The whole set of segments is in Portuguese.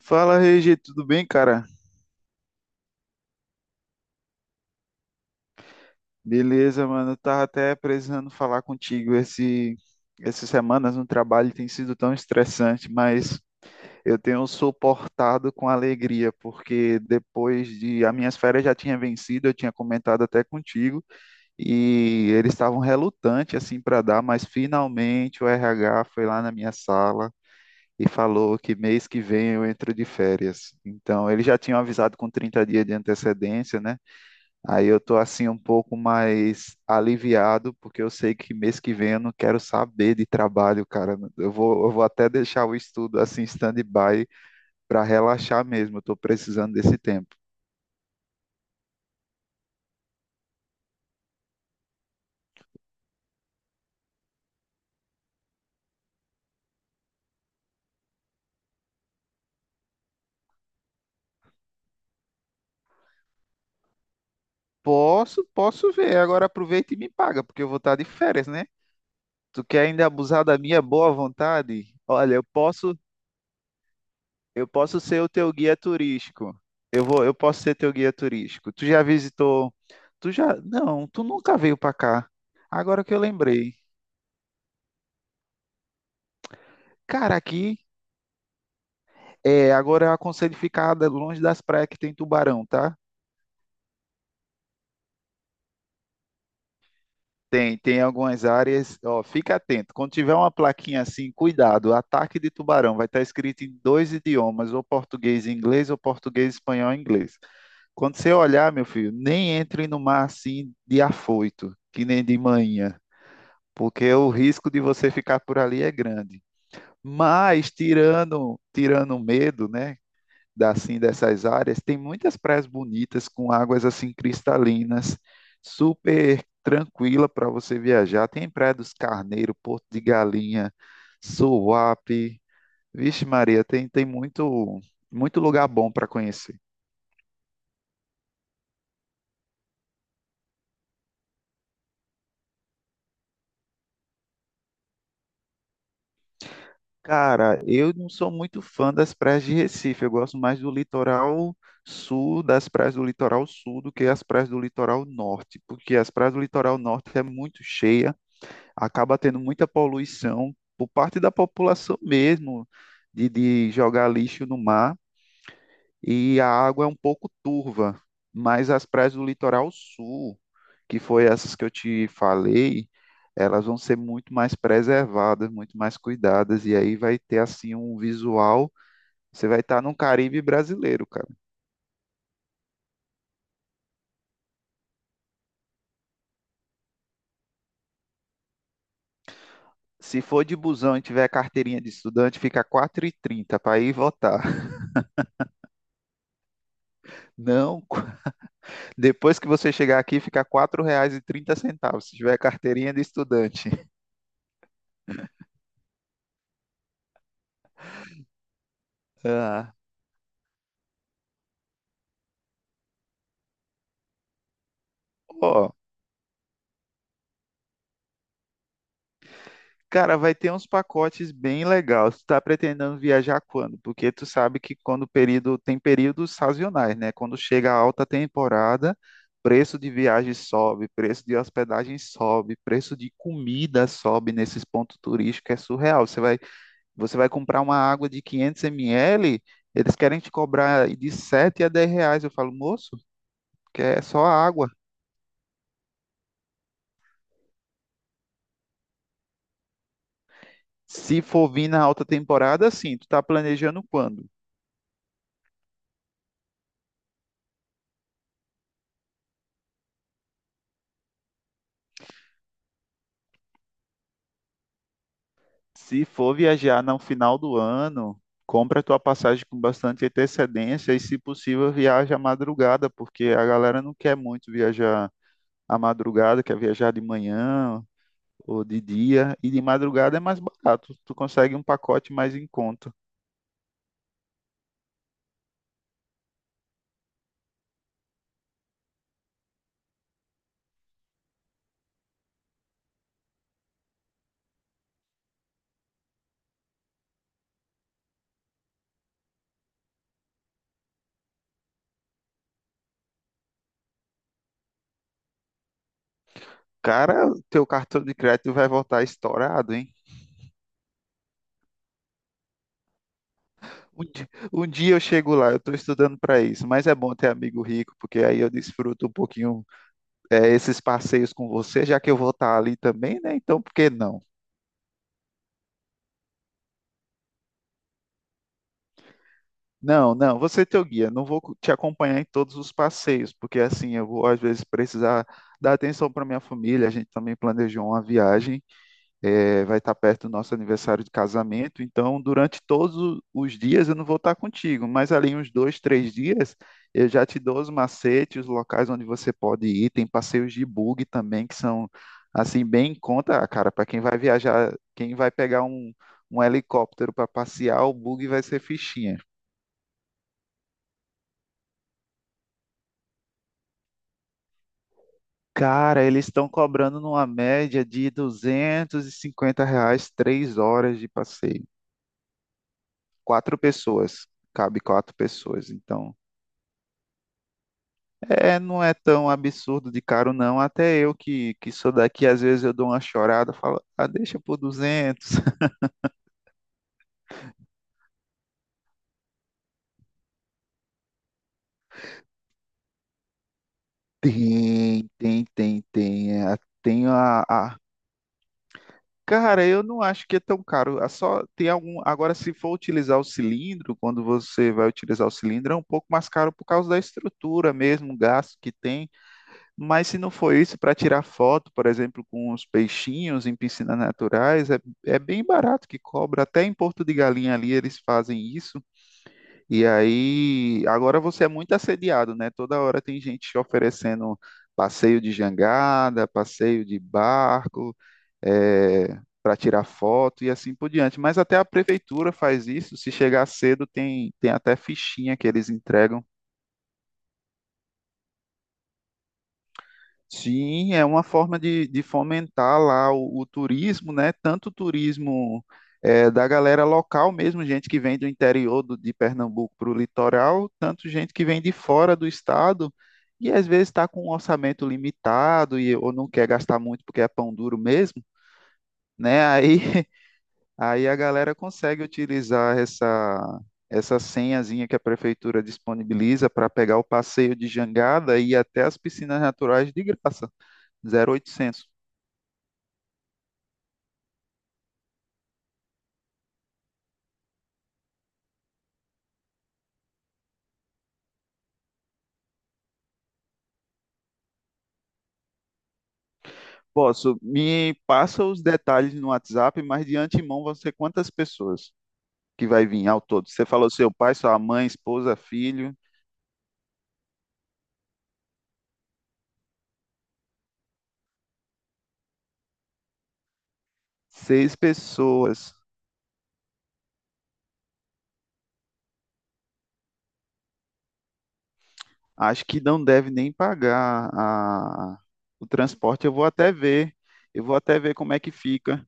Fala, Regi, tudo bem, cara? Beleza, mano. Eu tava até precisando falar contigo. Essas semanas no trabalho tem sido tão estressante, mas eu tenho suportado com alegria, porque depois de as minhas férias já tinha vencido, eu tinha comentado até contigo, e eles estavam relutantes assim para dar, mas finalmente o RH foi lá na minha sala. E falou que mês que vem eu entro de férias. Então, eles já tinham avisado com 30 dias de antecedência, né? Aí eu tô assim um pouco mais aliviado, porque eu sei que mês que vem eu não quero saber de trabalho, cara. Eu vou até deixar o estudo assim stand-by para relaxar mesmo. Eu tô precisando desse tempo. Posso ver. Agora aproveita e me paga, porque eu vou estar de férias, né? Tu quer ainda abusar da minha boa vontade? Olha, eu posso ser o teu guia turístico. Eu vou, eu posso ser teu guia turístico. Tu já visitou? Tu já? Não, tu nunca veio para cá. Agora que eu lembrei. Cara, aqui é, agora eu aconselho ficar longe das praias que tem tubarão, tá? Tem, tem algumas áreas, ó, fica atento. Quando tiver uma plaquinha assim, cuidado, ataque de tubarão, vai estar escrito em dois idiomas, ou português e inglês, ou português, espanhol e inglês. Quando você olhar, meu filho, nem entre no mar assim de afoito, que nem de manhã, porque o risco de você ficar por ali é grande. Mas tirando o medo, né, assim, dessas áreas, tem muitas praias bonitas com águas assim cristalinas, super tranquila para você viajar. Tem Praia dos Carneiros, Porto de Galinha, Suape. Vixe Maria, tem muito, muito lugar bom para conhecer. Cara, eu não sou muito fã das praias de Recife. Eu gosto mais do litoral sul, das praias do litoral sul, do que as praias do litoral norte, porque as praias do litoral norte é muito cheia, acaba tendo muita poluição por parte da população mesmo, de jogar lixo no mar, e a água é um pouco turva, mas as praias do litoral sul, que foi essas que eu te falei, elas vão ser muito mais preservadas, muito mais cuidadas, e aí vai ter assim um visual. Você vai estar num Caribe brasileiro, cara. Se for de busão e tiver carteirinha de estudante, fica 4,30 para ir votar. Não. Depois que você chegar aqui, fica R$ 4,30, se tiver carteirinha de estudante. Ah, ó, cara, vai ter uns pacotes bem legais. Tu tá pretendendo viajar quando? Porque tu sabe que quando o período tem períodos sazonais, né? Quando chega a alta temporada, preço de viagem sobe, preço de hospedagem sobe, preço de comida sobe nesses pontos turísticos, é surreal. Você vai comprar uma água de 500 ml, eles querem te cobrar de 7 a 10 reais. Eu falo, moço, que é só a água. Se for vir na alta temporada, sim, tu tá planejando quando? Se for viajar no final do ano, compra tua passagem com bastante antecedência e, se possível, viaja à madrugada, porque a galera não quer muito viajar à madrugada, quer viajar de manhã ou de dia, e de madrugada é mais barato, tu consegue um pacote mais em conta. Cara, teu cartão de crédito vai voltar estourado, hein? Um dia eu chego lá, eu estou estudando para isso, mas é bom ter amigo rico, porque aí eu desfruto um pouquinho esses passeios com você, já que eu vou estar ali também, né? Então, por que não? Não, não, você é teu guia, não vou te acompanhar em todos os passeios, porque assim eu vou às vezes precisar dar atenção para minha família, a gente também planejou uma viagem. É, vai estar perto do nosso aniversário de casamento, então durante todos os dias eu não vou estar contigo, mas ali uns dois, três dias eu já te dou os macetes, os locais onde você pode ir, tem passeios de bug também que são assim bem em conta, cara, para quem vai viajar, quem vai pegar um helicóptero para passear, o bug vai ser fichinha. Cara, eles estão cobrando numa média de R$ 250, 3 horas de passeio. Quatro pessoas, cabe quatro pessoas. Então. É, não é tão absurdo de caro, não. Até eu que sou daqui, às vezes eu dou uma chorada, falo, ah, deixa por 200. Tem, tem, tem, tem. Tem a, a- Cara, eu não acho que é tão caro. É só tem algum. Agora, se for utilizar o cilindro, quando você vai utilizar o cilindro, é um pouco mais caro por causa da estrutura mesmo, o gasto que tem. Mas se não for isso, para tirar foto, por exemplo, com os peixinhos em piscinas naturais, é bem barato que cobra. Até em Porto de Galinha ali eles fazem isso. E aí, agora você é muito assediado, né? Toda hora tem gente te oferecendo passeio de jangada, passeio de barco, para tirar foto e assim por diante. Mas até a prefeitura faz isso. Se chegar cedo, tem até fichinha que eles entregam. Sim, é uma forma de fomentar lá o turismo, né? Tanto o turismo da galera local mesmo, gente que vem do interior de Pernambuco para o litoral, tanto gente que vem de fora do estado e às vezes está com um orçamento limitado e, ou não quer gastar muito porque é pão duro mesmo, né? Aí, aí a galera consegue utilizar essa senhazinha que a prefeitura disponibiliza para pegar o passeio de jangada e ir até as piscinas naturais de graça, 0800. Posso, me passa os detalhes no WhatsApp, mas de antemão vão ser quantas pessoas que vai vir ao todo? Você falou seu pai, sua mãe, esposa, filho, seis pessoas. Acho que não deve nem pagar o transporte. Eu vou até ver como é que fica.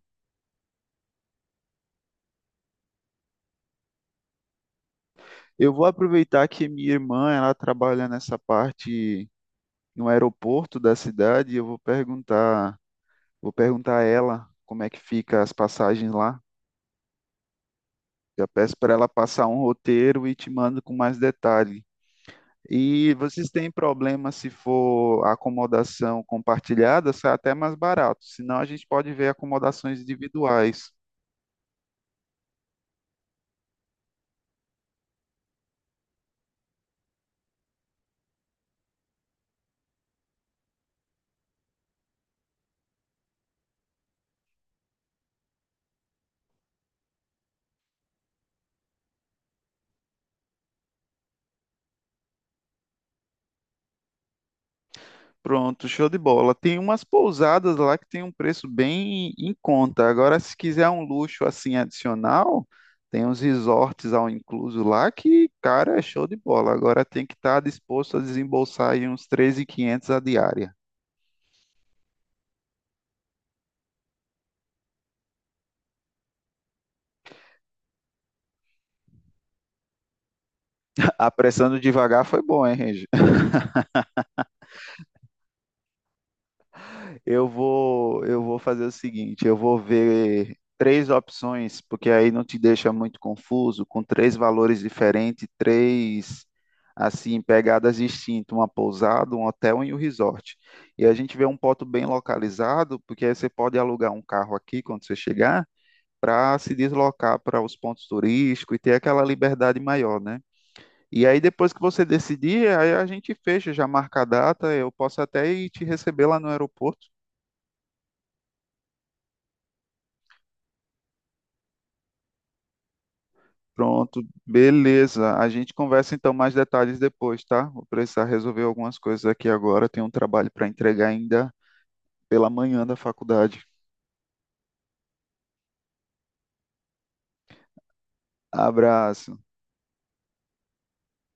Eu vou aproveitar que minha irmã, ela trabalha nessa parte no aeroporto da cidade, e eu vou perguntar a ela como é que fica as passagens lá. Já peço para ela passar um roteiro e te mando com mais detalhe. E vocês têm problema se for acomodação compartilhada, sai até mais barato. Senão a gente pode ver acomodações individuais. Pronto, show de bola. Tem umas pousadas lá que tem um preço bem em conta. Agora, se quiser um luxo assim adicional, tem uns resorts ao incluso lá que, cara, é show de bola. Agora tem que estar disposto a desembolsar aí uns 13.500 a diária. Apressando devagar foi bom, hein, Regi? Eu vou fazer o seguinte, eu vou ver três opções, porque aí não te deixa muito confuso, com três valores diferentes, três assim pegadas distintas, uma pousada, um hotel e um resort. E a gente vê um ponto bem localizado, porque aí você pode alugar um carro aqui quando você chegar, para se deslocar para os pontos turísticos e ter aquela liberdade maior, né? E aí depois que você decidir, aí a gente fecha, já marca a data, eu posso até ir te receber lá no aeroporto. Pronto, beleza. A gente conversa então mais detalhes depois, tá? Vou precisar resolver algumas coisas aqui agora. Tenho um trabalho para entregar ainda pela manhã da faculdade. Abraço.